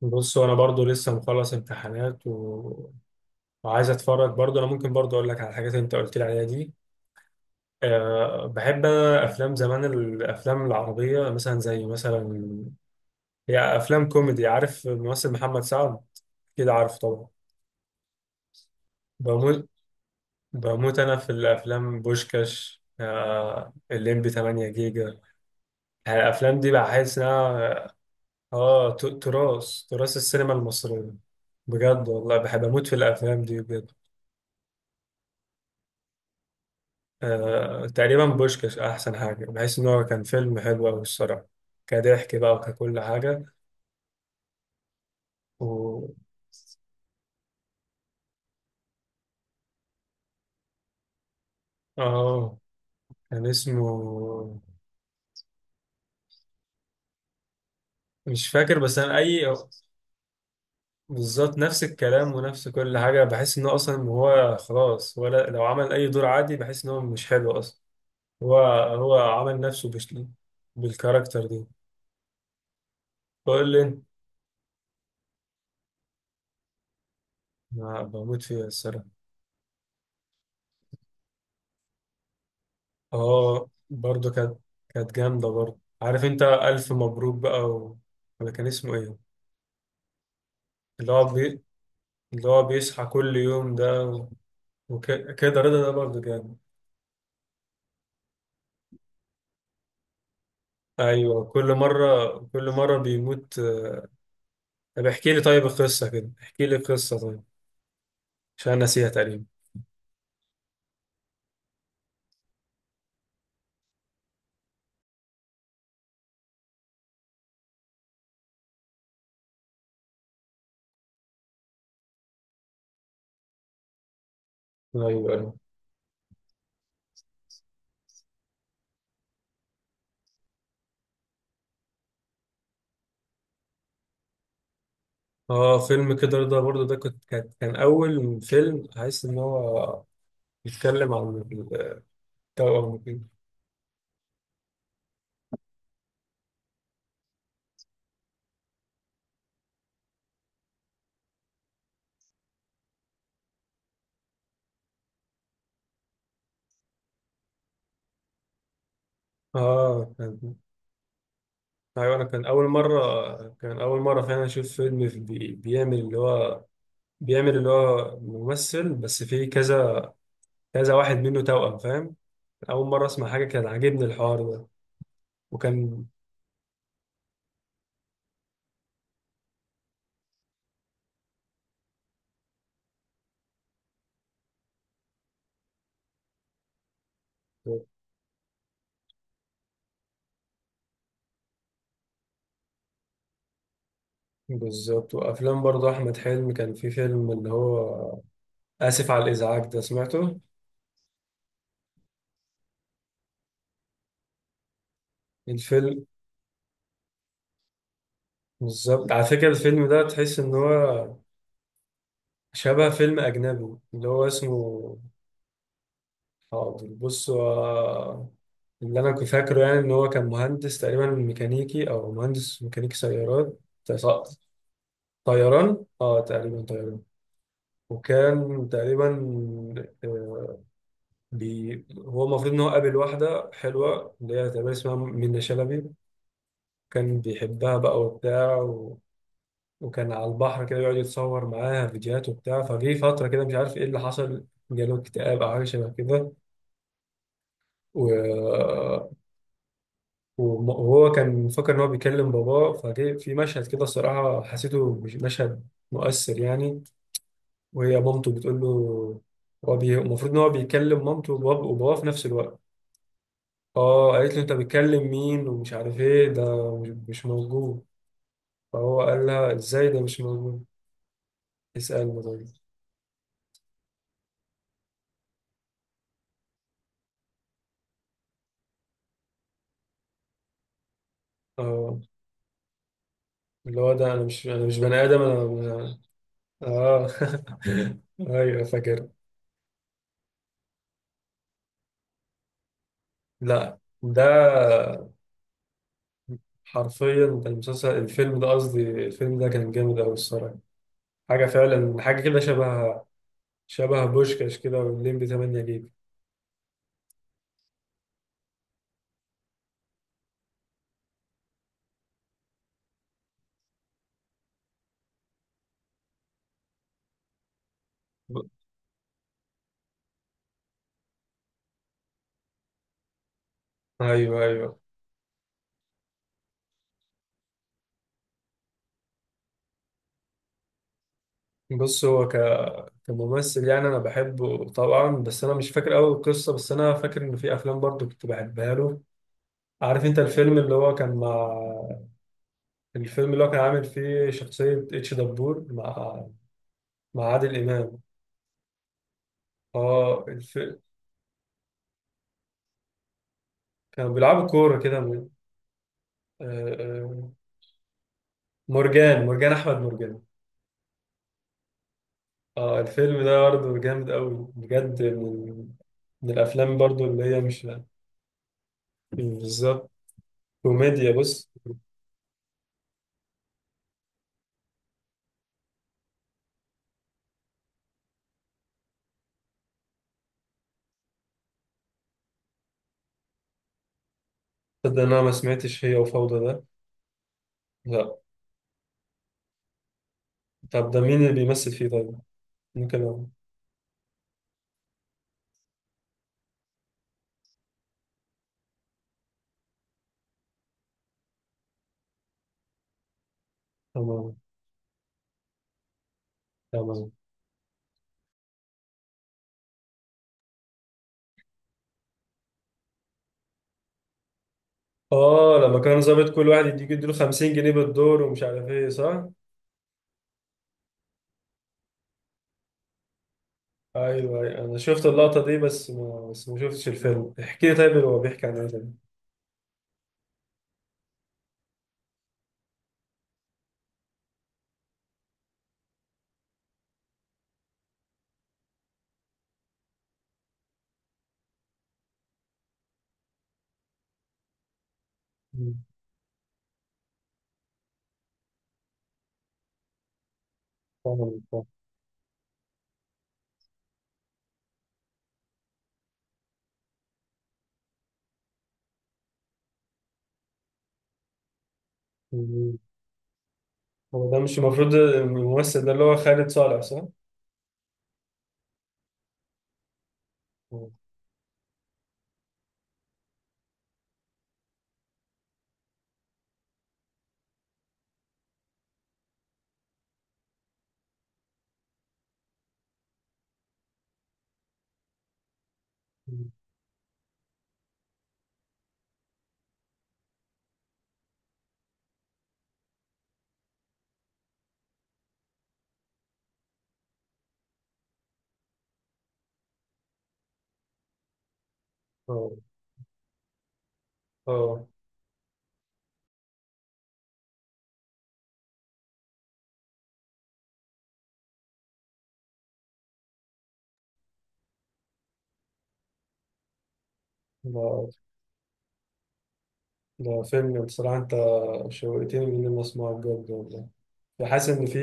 بص، وانا برضو لسه مخلص امتحانات وعايز اتفرج برضو. انا ممكن برضو اقول لك على الحاجات اللي انت قلت لي عليها دي. بحب انا افلام زمان، الافلام العربيه، مثلا زي مثلا، هي افلام كوميدي. عارف الممثل محمد سعد؟ كده عارف طبعا. بموت بموت انا في الافلام، بوشكاش، الليمبي 8 جيجا. يعني الافلام دي بحس انها تراث السينما المصريه. بجد والله بحب اموت في الافلام دي بجد. تقريبا بوشكاش أحسن حاجة، بحيث إن هو كان فيلم حلو أوي الصراحة، كضحك بقى وككل حاجة. و آه كان اسمه، مش فاكر، بس أنا بالظبط نفس الكلام ونفس كل حاجة، بحس إن هو أصلا، هو خلاص، ولا لو عمل أي دور عادي بحس إن هو مش حلو أصلا. هو هو عمل نفسه بالكاركتر دي. بقول لي، أنا بموت فيه الصراحة. اه برضه كانت، كانت جامدة برضه. عارف انت ألف مبروك بقى ولا كان اسمه ايه؟ اللي هو بي... اللي هو بيصحى كل يوم ده وكده رضا ده برضه جامد. ايوه كل مرة، كل مرة بيموت. طب احكي لي طيب القصة، كده احكي لي القصة طيب، عشان أنا ناسيها تقريبا. ايوه، ايوه. اه، فيلم كده رضا برضه ده، كنت كان كان أول فيلم حاسس إن هو بيتكلم عن التوأم وكده. اه، ايوه انا كان اول مره فعلا اشوف فيلم بيعمل اللي هو، بيعمل اللي هو ممثل، بس فيه كذا كذا واحد منه توأم، فاهم؟ اول مره اسمع حاجه، كان عاجبني الحوار ده. وكان بالظبط. وافلام برضه احمد حلمي، كان في فيلم اللي هو، اسف على الازعاج ده، سمعته الفيلم. بالظبط، على فكره الفيلم ده تحس ان هو شبه فيلم اجنبي اللي هو اسمه، حاضر، بص، هو اللي انا كنت فاكره يعني ان هو كان مهندس تقريبا ميكانيكي، او مهندس ميكانيكي سيارات. تص- طيران، تقريبا طيران. وكان تقريبا، آه، هو المفروض ان هو قابل واحده حلوه اللي هي تقريبا اسمها منة شلبي. كان بيحبها بقى وبتاع وكان على البحر كده، يقعد يتصور معاها فيديوهات وبتاع. فجه فتره كده مش عارف ايه اللي حصل، جاله اكتئاب او حاجه شبه كده، و... وهو كان فاكر ان هو بيكلم باباه. فجه في مشهد كده الصراحه، حسيته مشهد مؤثر يعني. وهي مامته بتقول له، هو المفروض ان هو بيكلم مامته وباباه في نفس الوقت. اه قالت له انت بتكلم مين ومش عارف ايه ده، مش موجود. فهو قال لها ازاي ده مش موجود؟ اسألني طيب. اه، اللي هو ده، انا مش بني ادم، انا أنا- اه ايوه فاكر. لا، ده حرفيا كان المسلسل، الفيلم ده قصدي، الفيلم ده كان جامد أوي الصراحة. حاجة فعلا، حاجة كده شبه، شبه بوشكاش كده والليمبي 8 جيجا. ب- أيوه، أيوه. بص هو ك... كممثل يعني أنا بحبه طبعا، بس أنا مش فاكر أوي القصة، بس أنا فاكر إن في أفلام برضو كنت بحبها له. عارف أنت الفيلم اللي هو كان مع، الفيلم اللي هو كان عامل فيه شخصية اتش دبور، مع، مع عادل إمام. اه الف... كانوا بيلعبوا كورة كده، آه، آه، مرجان أحمد مرجان. اه، الفيلم ده برضه جامد قوي بجد، من الافلام برضه اللي هي مش بالظبط كوميديا. بص، تصدق إن انا ما سمعتش هي وفوضى ده؟ لا. طب ده مين اللي بيمثل فيه طيب؟ ممكن. تمام، تمام. اه لما كان ظابط، كل واحد يديك، يديله 50 جنيه بالدور، ومش عارف ايه صح. ايوه، أيوة. انا شفت اللقطة دي، بس ما شفتش الفيلم. احكي لي طيب هو بيحكي عن ايه طيب. مم. طبعاً، طبعاً. مم. هو ده مش المفروض الممثل ده اللي هو خالد صالح، صح؟ مم. اه، اه. ده ده فيلم بصراحة، انت شوقتني ان انا اسمعه بجد والله. بحس ان في،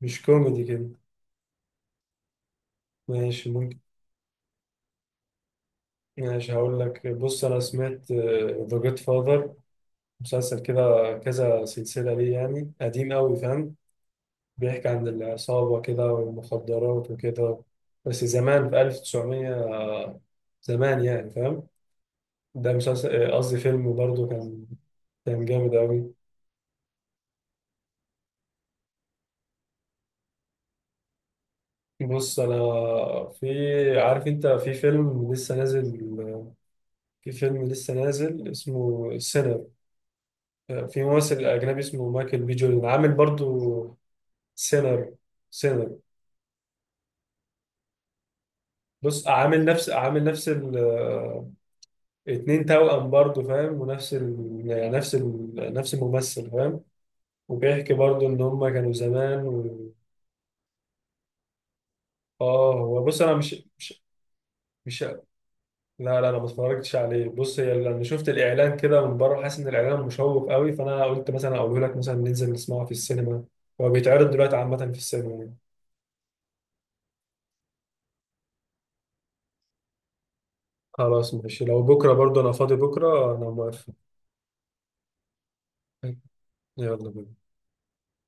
مش كوميدي كده. ماشي، ممكن. ماشي، هقول لك. بص انا سمعت ذا جود فاذر، مسلسل كده، كذا سلسلة ليه، يعني قديم قوي فاهم. بيحكي عن العصابة كده والمخدرات وكده، بس زمان في 1900، زمان يعني فاهم. ده مسلسل، قصدي فيلم، برضه كان، كان جامد قوي. بص انا، في، عارف انت في فيلم لسه نازل، اسمه سينر. في ممثل اجنبي اسمه مايكل بي جوردن، عامل برضو سينر، سينر. بص، عامل نفس ال اتنين توأم برضو فاهم، ونفس ال يعني، نفس الممثل فاهم. وبيحكي برضو ان هما كانوا زمان اه هو، بص انا مش مش مش لا لا، انا ما اتفرجتش عليه. بص، هي لما شفت الاعلان كده من بره، حاسس ان الاعلان مشوق قوي، فانا قلت مثلا، اقول لك مثلا ننزل نسمعه في السينما. هو بيتعرض دلوقتي عامه في السينما يعني. خلاص ماشي، لو بكره برضه انا فاضي بكره، انا موافق. يلا بينا.